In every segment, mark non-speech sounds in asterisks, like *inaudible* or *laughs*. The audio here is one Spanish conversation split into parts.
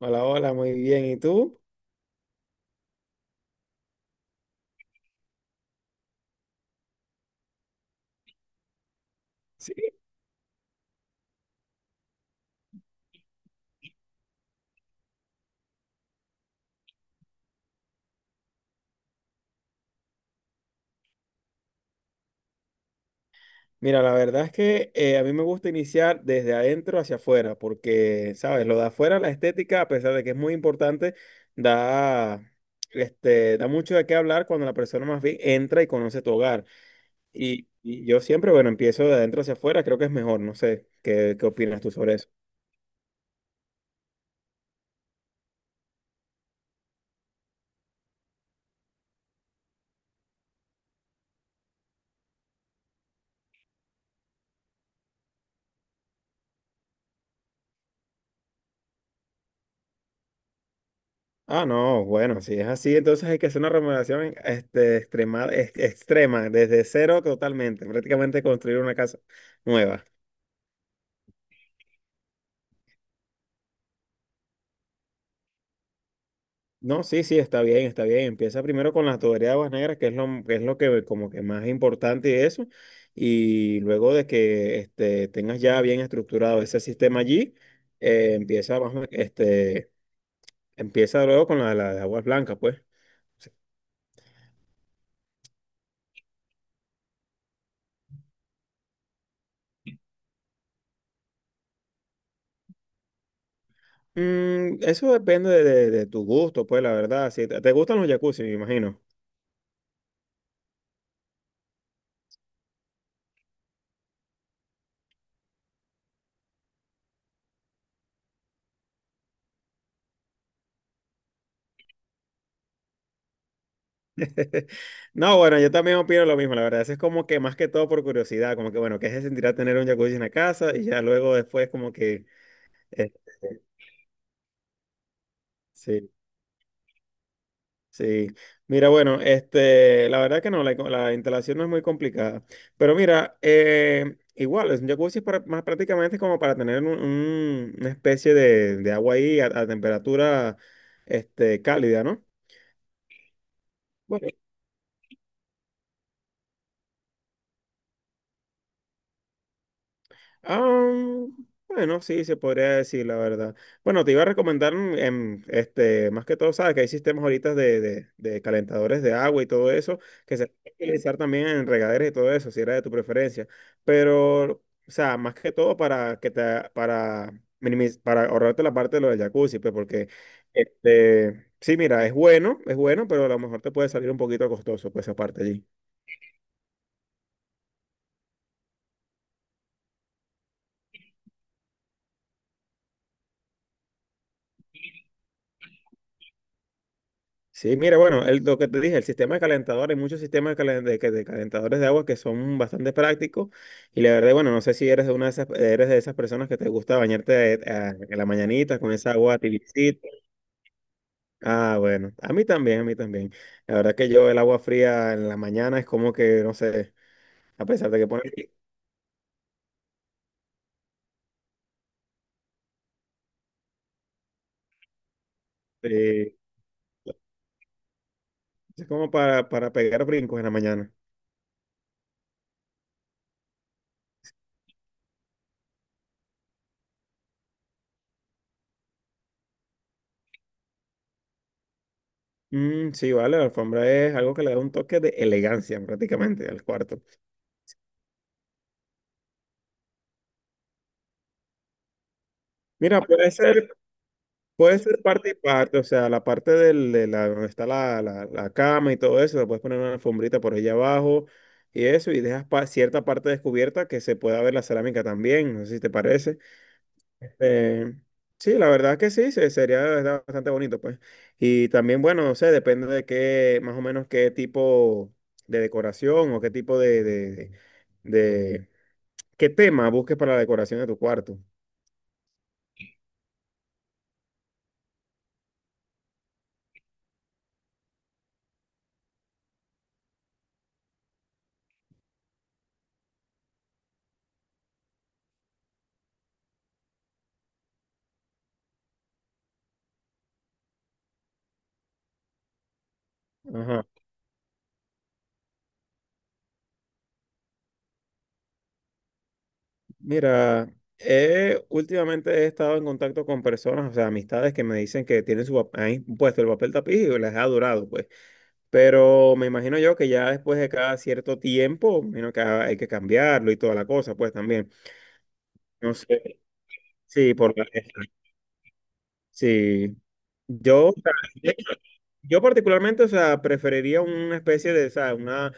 Hola, hola, muy bien. ¿Y tú? Sí. Mira, la verdad es que a mí me gusta iniciar desde adentro hacia afuera, porque, ¿sabes? Lo de afuera, la estética, a pesar de que es muy importante, da, da mucho de qué hablar cuando la persona más bien entra y conoce tu hogar. Y yo siempre, bueno, empiezo de adentro hacia afuera, creo que es mejor, no sé, ¿qué opinas tú sobre eso? Ah, no, bueno, si es así, entonces hay que hacer una remodelación extrema, extrema, desde cero totalmente, prácticamente construir una casa nueva. No, sí, sí, está bien, está bien. Empieza primero con la tuberías de aguas negras, que es lo que como que más importante de eso. Y luego de que tengas ya bien estructurado ese sistema allí, empieza, más o men- este, empieza luego con la de aguas blancas, pues. Sí. Mm, eso depende de, de tu gusto, pues, la verdad. Si te gustan los jacuzzi, me imagino. *laughs* No, bueno, yo también opino lo mismo, la verdad. Eso es como que más que todo por curiosidad, como que bueno, ¿qué se sentirá tener un jacuzzi en la casa? Y ya luego después como que... eh, sí, sí. Mira, bueno, la verdad que no, la instalación no es muy complicada. Pero mira, igual, es un jacuzzi es para, más prácticamente como para tener una especie de agua ahí a temperatura cálida, ¿no? Bueno, ah, bueno, sí, se podría decir la verdad. Bueno, te iba a recomendar, más que todo, sabes que hay sistemas ahorita de, de calentadores de agua y todo eso, que se puede utilizar también en regaderas y todo eso, si era de tu preferencia. Pero, o sea, más que todo para para ahorrarte la parte de lo del jacuzzi, pues, porque, sí, mira, es bueno, pero a lo mejor te puede salir un poquito costoso, pues, esa parte allí. Sí, mira, bueno, lo que te dije, el sistema de calentador, hay muchos sistemas de, calen- de que de calentadores de agua que son bastante prácticos y la verdad, bueno, no sé si eres de una de esas, eres de esas personas que te gusta bañarte en la mañanita con esa agua tibiecita. Ah, bueno, a mí también, a mí también. La verdad que yo el agua fría en la mañana es como que, no sé, a pesar de que pones, eh, es como para pegar brincos en la mañana. Mm, sí, vale, la alfombra es algo que le da un toque de elegancia prácticamente al cuarto. Mira, puede ser, puede ser parte y parte, o sea, de la, donde está la cama y todo eso, le puedes poner una alfombrita por allá abajo y eso, y dejas cierta parte descubierta que se pueda ver la cerámica también, no sé si te parece. Eh, sí, la verdad que sí, sería de verdad bastante bonito, pues. Y también, bueno, no sé, depende de qué, más o menos qué tipo de decoración o qué tipo de, de qué tema busques para la decoración de tu cuarto. Ajá. Mira, últimamente he estado en contacto con personas, o sea, amistades que me dicen que tienen su, ahí puesto el papel tapiz y les ha durado, pues. Pero me imagino yo que ya después de cada cierto tiempo, me imagino que hay que cambiarlo y toda la cosa, pues también. No sé, sí, por la- sí. Yo, o sea, eh, yo particularmente, o sea, preferiría una especie de, o sea, una,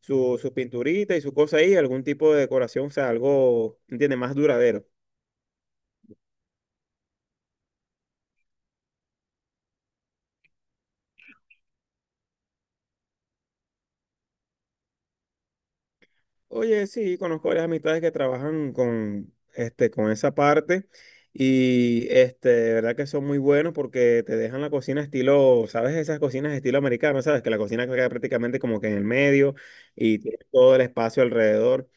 su pinturita y su cosa ahí, algún tipo de decoración, o sea, algo, ¿entiendes? Más duradero. Oye, sí, conozco varias amistades que trabajan con, con esa parte y de verdad que son muy buenos porque te dejan la cocina estilo, ¿sabes? Esas cocinas estilo americano, ¿sabes? Que la cocina queda prácticamente como que en el medio y tiene todo el espacio alrededor.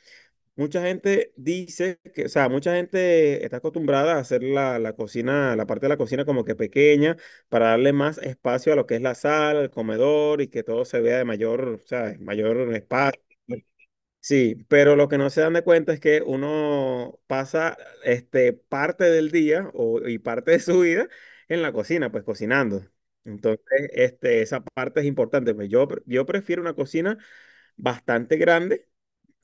Mucha gente dice que, o sea, mucha gente está acostumbrada a hacer la cocina, la parte de la cocina como que pequeña para darle más espacio a lo que es la sala, el comedor y que todo se vea de mayor, ¿sabes? Mayor espacio. Sí, pero lo que no se dan de cuenta es que uno pasa parte del día o, y parte de su vida en la cocina, pues cocinando. Entonces, esa parte es importante. Pues yo, yo prefiero una cocina bastante grande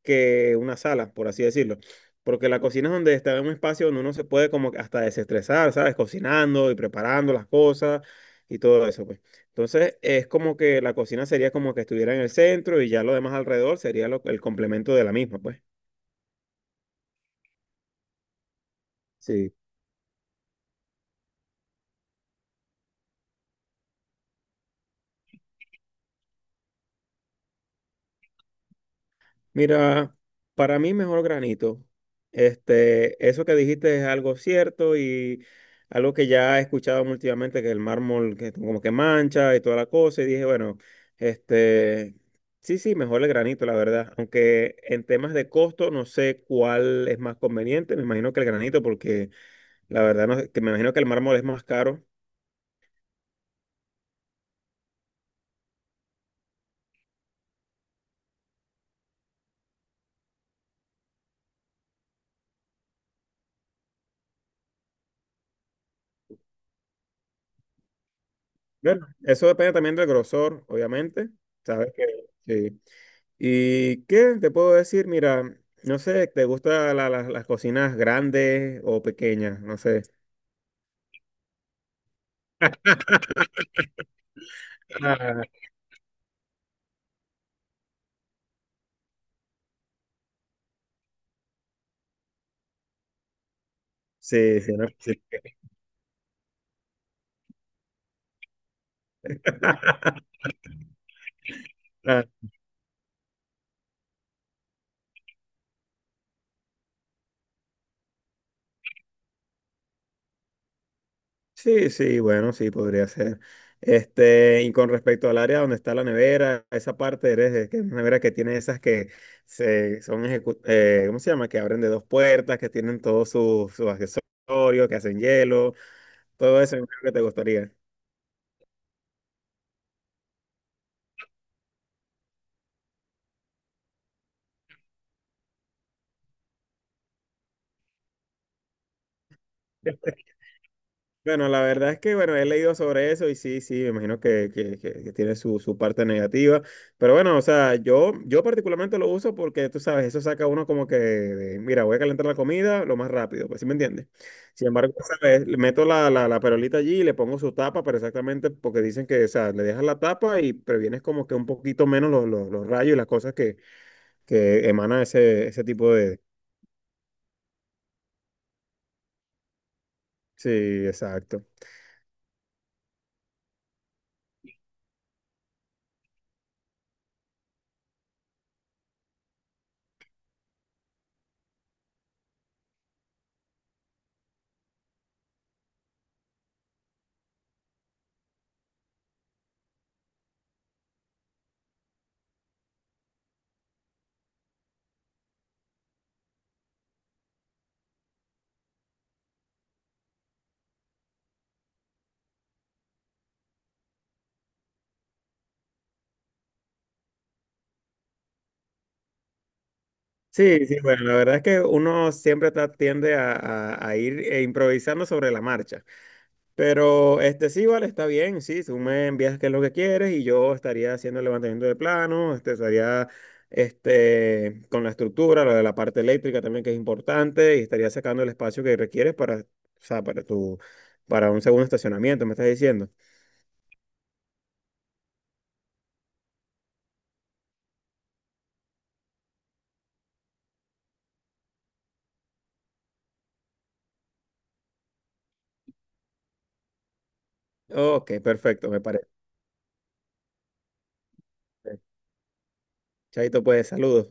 que una sala, por así decirlo. Porque la cocina es donde está en un espacio donde uno se puede como que hasta desestresar, ¿sabes? Cocinando y preparando las cosas y todo eso, pues. Entonces, es como que la cocina sería como que estuviera en el centro y ya lo demás alrededor sería el complemento de la misma, pues. Sí. Mira, para mí mejor granito. Eso que dijiste es algo cierto y algo que ya he escuchado últimamente, que el mármol que como que mancha y toda la cosa. Y dije, bueno, este, sí, sí, mejor el granito, la verdad. Aunque en temas de costo no sé cuál es más conveniente. Me imagino que el granito, porque la verdad no, sé, que me imagino que el mármol es más caro. Bueno, eso depende también del grosor, obviamente. Sabes que sí. ¿Y qué te puedo decir? Mira, no sé, ¿te gustan las cocinas grandes o pequeñas? No sé. Ah, sí, sí, ¿no? Sí. *laughs* Ah, sí, sí, bueno, sí, podría ser. Este, y con respecto al área donde está la nevera, esa parte eres de que es una nevera que tiene esas que se ¿cómo se llama? Que abren de dos puertas, que tienen todos sus accesorios, que hacen hielo, todo eso, creo que te gustaría. Bueno, la verdad es que, bueno, he leído sobre eso y sí, sí, me imagino que, que tiene su, su parte negativa. Pero bueno, o sea, yo particularmente lo uso porque, tú sabes, eso saca uno como que, de, mira, voy a calentar la comida lo más rápido, pues, ¿sí me entiendes? Sin embargo, ¿sabes? Le meto la perolita allí y le pongo su tapa, pero exactamente porque dicen que, o sea, le dejas la tapa y previenes como que un poquito menos los rayos y las cosas que emanan ese, ese tipo de... Sí, exacto. Sí, sí, bueno, la verdad es que uno siempre tiende a, a ir improvisando sobre la marcha. Pero este sí, vale, está bien, sí, tú me envías qué es lo que quieres y yo estaría haciendo el levantamiento de plano, estaría con la estructura, lo de la parte eléctrica también que es importante y estaría sacando el espacio que requieres para, o sea, para tu, para un segundo estacionamiento, me estás diciendo. Ok, perfecto, me parece. Chaito, pues, saludos.